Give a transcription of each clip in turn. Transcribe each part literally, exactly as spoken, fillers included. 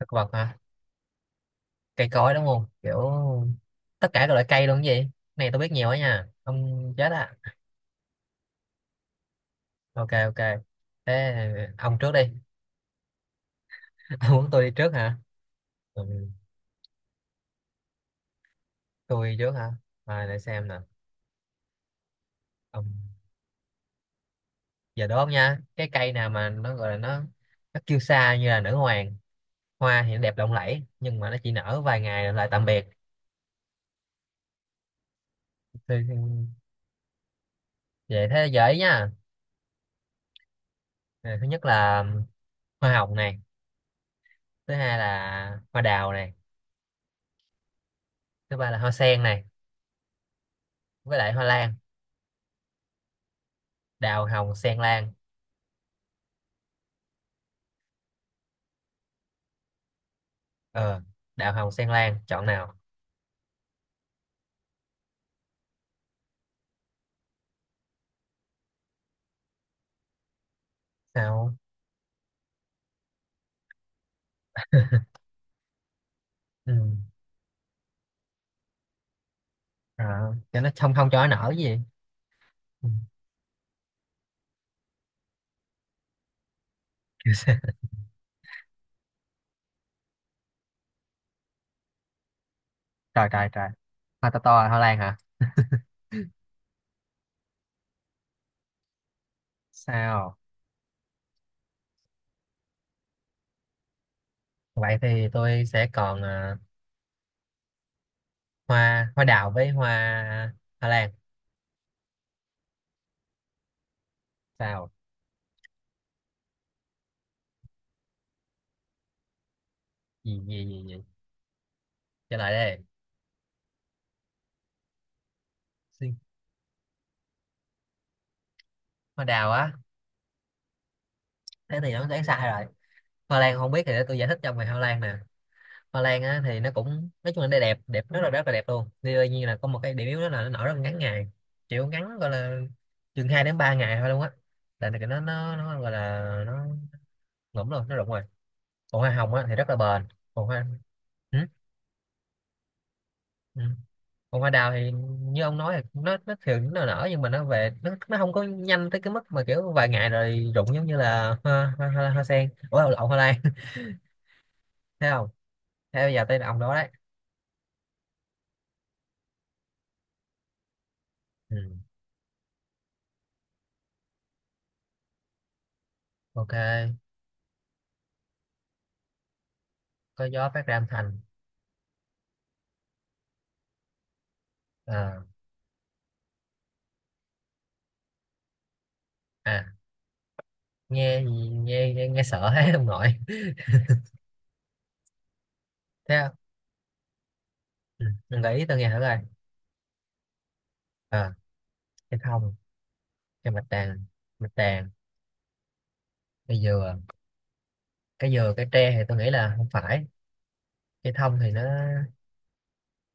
Thực vật hả? Cây cối đúng không? Kiểu tất cả các loại cây luôn, cái gì này tôi biết nhiều á nha, ông chết à. OK, OK. Thế... ông trước đi. Ông muốn tôi đi trước hả? Ừ, tôi đi trước hả? À, để xem nè. Ông... giờ đố ông nha, cái cây nào mà nó gọi là nó nó kêu xa như là nữ hoàng, hoa thì nó đẹp lộng lẫy nhưng mà nó chỉ nở vài ngày rồi lại tạm biệt. Tôi- Vậy thế dễ nha. À, thứ nhất là hoa hồng này, thứ hai là hoa đào này, thứ ba là hoa sen này, với lại hoa lan. Đào, hồng, sen, lan. ờ Đào, hồng, sen, lan, chọn nào? Sao? Ừ. Rồi, cho nó không, không cho nó nở gì. Ừ. Kiểu sao? Trời, trời, trời. Hoa to to là hoa lan hả? Sao? Vậy thì tôi sẽ còn ờ, hoa hoa đào với hoa, hoa lan. Sao? Gì gì gì gì? Trả lời đây. Suy- Hoa đào á? Thế thì nó đoán sai rồi. Hoa lan không biết thì để tôi giải thích cho mày, hoa lan nè. Hoa Lan á thì nó cũng nói chung là nó đẹp đẹp rất là rất là đẹp luôn. Tuy nhiên là có một cái điểm yếu đó là nó nở rất là ngắn ngày, kiểu ngắn gọi là chừng hai đến ba ngày thôi luôn á, là cái nó nó nó gọi là nó ngủm luôn, nó rụng rồi. Còn hoa hồng á thì rất là bền. Còn hoa... ừ? Ừ. Còn hoa đào thì như ông nói thì nó nó thường nó nở nhưng mà nó về nó nó không có nhanh tới cái mức mà kiểu vài ngày rồi rụng, giống như là hoa hoa, hoa, hoa sen, ủa lộn hoa lan. Thấy không? Thế bây giờ tới ông đó đấy. Ừ. OK. Có gió phát ra âm thanh? Ờ. À... nghe gì? Nghe nghe, nghe sợ hết ông nội thế không? Ừ, mình gợi ý tôi nghe thử coi. à, cái thông... cái bạch đàn... bạch đàn... cái dừa... Cái dừa cái tre thì tôi nghĩ là không phải. Cái thông thì nó...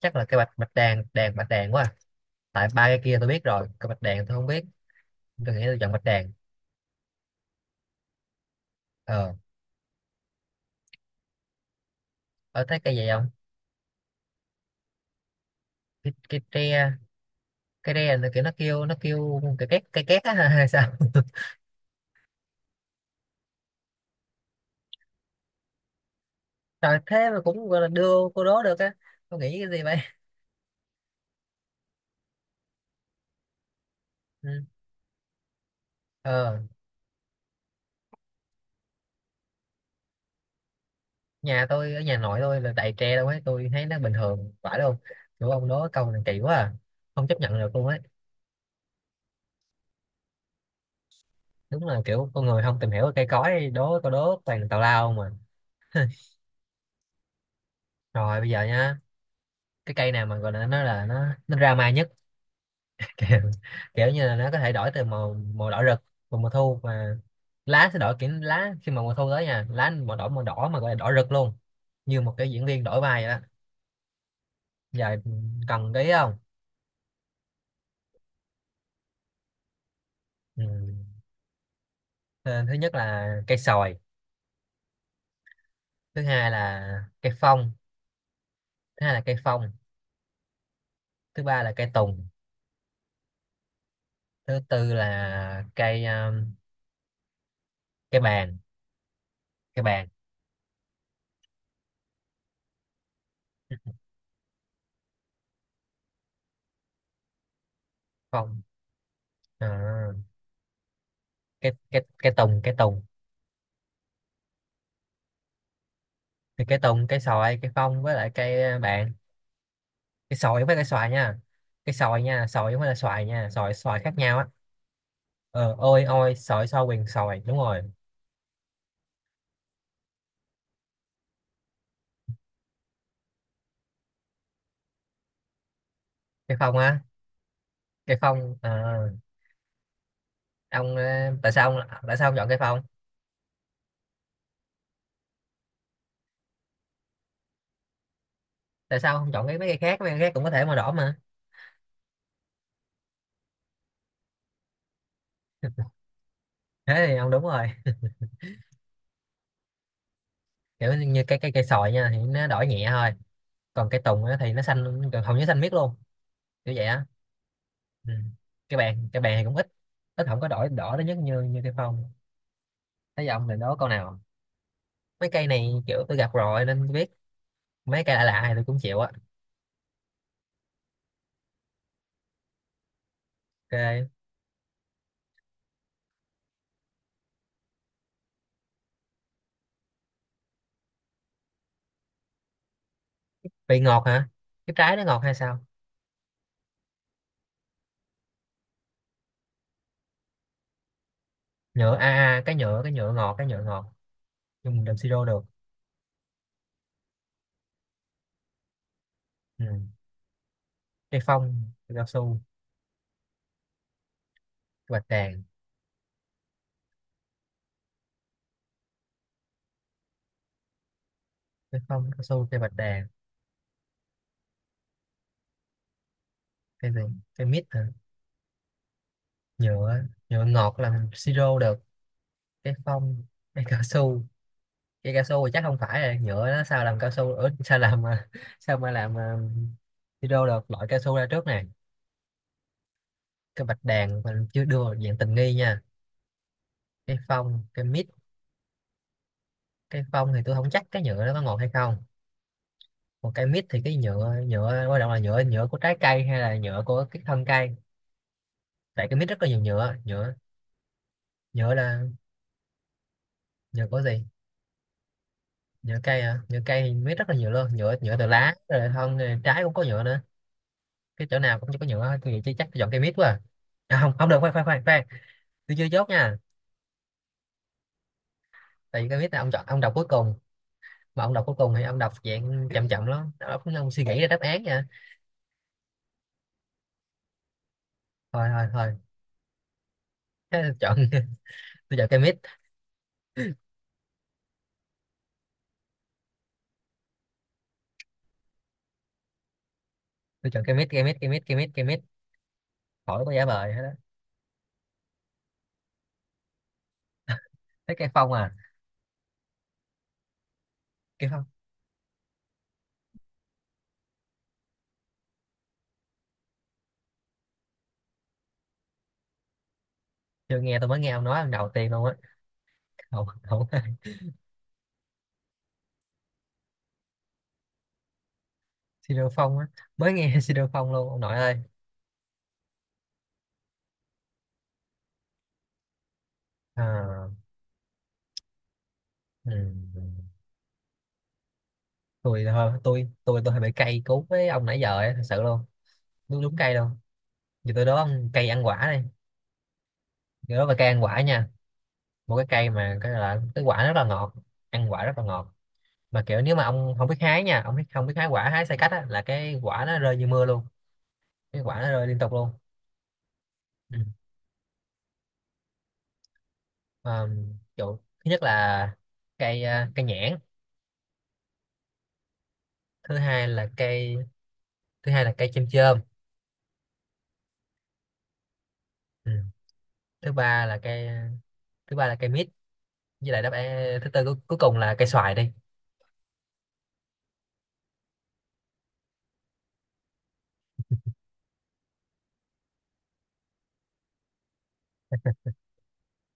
chắc là cái bạch bạch đàn đàn bạch đàn quá à. Tại ba cái kia tôi biết rồi, cái bạch đàn tôi không biết. Tôi nghĩ tôi chọn bạch đàn. Ờ. Ở thấy cây gì không? Cái, cái tre. Cái tre là kiểu nó kêu nó kêu cái két cái két á hay sao? Trời, thế mà cũng gọi là đưa cô đố được á. Tôi nghĩ cái gì vậy? Ừ. Ờ, nhà tôi, ở nhà nội tôi là đầy tre đâu ấy, tôi thấy nó bình thường phải đâu. Kiểu ông đố câu này kỳ quá à. Không chấp nhận được luôn ấy. Đúng là kiểu con người không tìm hiểu cây cối, đố câu đố toàn là tào lao không mà. Rồi bây giờ nha, cái cây nào mà gọi là nó, là nó nó drama nhất. Kiểu, kiểu như là nó có thể đổi từ màu màu đỏ rực vào mùa thu mà lá sẽ đổi kiểu, lá khi mà mùa thu tới nha, lá màu đỏ, màu đỏ mà gọi là đỏ rực luôn, như một cái diễn viên đổi vai vậy đó. Giờ cần cái ý không? Ừ. Ờ, Thứ nhất là cây sồi, thứ hai là cây phong, thứ hai là cây phong, thứ ba là cây tùng, thứ tư là cây um, cây bàng. Cây bàng. Phong... Ờ, cây cây cây tùng cây tùng. Thì cây tùng, cây xoài, cây phong với lại cây uh, bàng. Cây xoài với cây xoài nha. Cây xoài nha, xoài không phải là xoài nha, xoài xoài khác nhau á. Ờ, ôi ôi, xoài xoài quyền xoài đúng rồi. Cây phong á. Cây phong ờ, ông ờ, tại sao ông... tại sao ông chọn cây phong? Tại sao ông không chọn cái mấy cây khác, mấy cây khác cũng có thể màu đỏ mà? Thế thì ông đúng rồi. Kiểu như cái cái cây sồi nha thì nó đỏ nhẹ thôi. Còn cây tùng á thì nó xanh, gần- hầu như xanh miết luôn. Kiểu vậy á. Ừ. cái bàn cái bàn thì cũng ít, ít không có đổi đỏ đến nhất như như cây phong. Thấy ông này đó câu nào, mấy cây này kiểu tôi gặp rồi nên tôi biết. Mấy cây lạ lạ thì tôi cũng chịu á. OK. Vị ngọt hả? Cái trái nó ngọt hay sao? Nhựa a, à, à, cái nhựa, cái nhựa ngọt cái nhựa ngọt Nhưng mình làm siro được. Ừ. Cây phong, cây cao su, cây bạch đàn... Cây phong, cao su, cây bạch đàn... Cây gì? Cây mít hả? Nhựa... nhựa ngọt là mình siro được. Cái phong... cái cao su... Cái cao su thì chắc không phải rồi, nhựa nó sao làm cao su, ở sao làm ờ, sao mà làm ờ, hydro được, loại cao su ra trước này. Cái bạch đàn mình chưa đưa vào dạng tình nghi nha. Cái phong, cái mít. Cái phong thì tôi không chắc cái nhựa nó có ngọt hay không. Còn cái mít thì cái nhựa nhựa quan trọng là nhựa nhựa của trái cây hay là nhựa của cái thân cây? Tại cái mít rất là nhiều nhựa nhựa Nhựa là... nhựa của gì? Nhựa cây à? Nhựa cây thì mít rất là nhiều luôn, nhựa nhựa từ lá rồi thân rồi trái cũng có nhựa nữa. Cái chỗ nào cũng chỉ có nhựa hết. Tôi nghĩ chắc tôi chọn cây mít quá à. À không, không được, khoan khoan khoan khoan, tôi chưa chốt nha. Tại vì cây mít là ông chọn, ông đọc cuối cùng, mà ông đọc cuối cùng thì ông đọc dạng chậm chậm lắm, ông, ông, ông suy nghĩ ra đáp án nha. Thôi thôi thôi, thế tôi chọn tôi chọn cây mít. Tôi chọn cây mít, cây mít, cây mít, cây mít, cây mít. Khỏi có giả vờ hết á. Thế cây phong à? Cây phong. Chưa nghe, tôi mới nghe ông nói lần đầu tiên luôn á. Không, không. Siro phong á? Mới nghe siro phong luôn ông nội ơi. à, ừ. Tôi, thôi tôi tôi tôi hơi bị cay cú với ông nãy giờ ấy, thật sự luôn. Đúng, đúng cay luôn. Như tôi đoán cây ăn quả đây. Tôi đó là cây ăn quả nha. Một cái cây mà cái là cái quả rất là ngọt, ăn quả rất là ngọt, mà kiểu nếu mà ông không biết hái nha, ông biết không biết hái quả, hái sai cách á là cái quả nó rơi như mưa luôn. Cái quả nó rơi liên tục luôn. Ừ. Mà, kiểu, thứ nhất là cây à, cây nhãn. Thứ hai là cây... thứ hai là cây chôm chôm. Ừ. Thứ ba là cây... thứ ba là cây mít. Với lại đáp án thứ tư cuối, cuối cùng là cây xoài đi.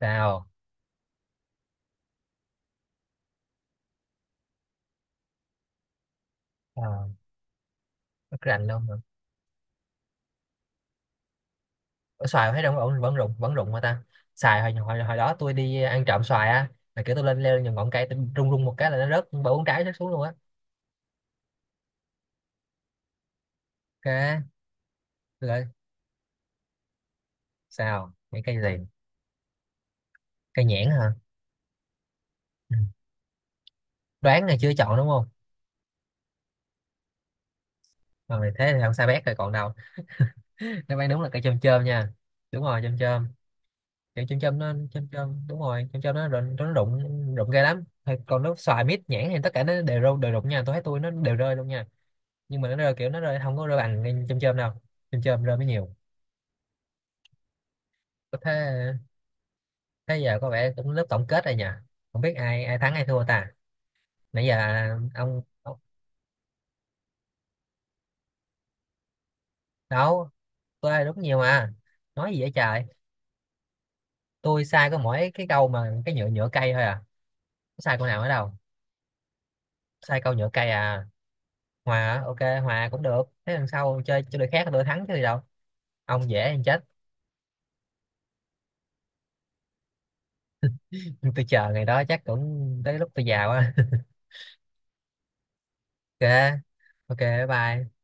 Sao? à, Rất rành luôn. Ủa, xoài thấy đâu vẫn vẫn rụng, vẫn rụng mà ta. Xoài hồi, hồi hồi đó tôi đi ăn trộm xoài á, là kiểu tôi lên, leo lên những ngọn cây, tôi rung rung một cái là nó rớt ba bốn trái, rớt xuống luôn á. OK. Tôi lại... sao những cây gì? Cây nhãn hả? Ừ. Đoán là chưa, chọn đúng không? Mà mày thế thì không sao bét rồi còn đâu. Đáp án đúng là cây chôm chôm nha. Đúng rồi, chôm chôm. Kiểu chôm chôm nó chôm chôm đúng rồi, chôm chôm nó rụng, nó rụng rụng ghê lắm. Thôi, còn nếu xoài mít nhãn thì tất cả nó đều rơi đều rụng nha, tôi thấy tôi nó đều rơi luôn nha. Nhưng mà nó rơi kiểu nó rơi không có rơi bằng cây chôm chôm đâu. Chôm chôm rơi mới nhiều. Có thế. Thế giờ có vẻ cũng lớp tổng kết rồi nhỉ, không biết ai ai thắng ai thua ta nãy giờ. Ông, ông đâu? Tôi đúng nhiều mà, nói gì vậy trời. Tôi sai có mỗi cái câu mà cái nhựa nhựa cây thôi à. Có sai câu nào ở đâu? Sai câu nhựa cây à? Hòa à? OK, hòa cũng được, thế lần sau chơi chơi đội khác là tôi thắng chứ gì đâu. Ông dễ ăn chết. Tôi chờ ngày đó chắc cũng tới lúc tôi già quá OK. OK, bye bye.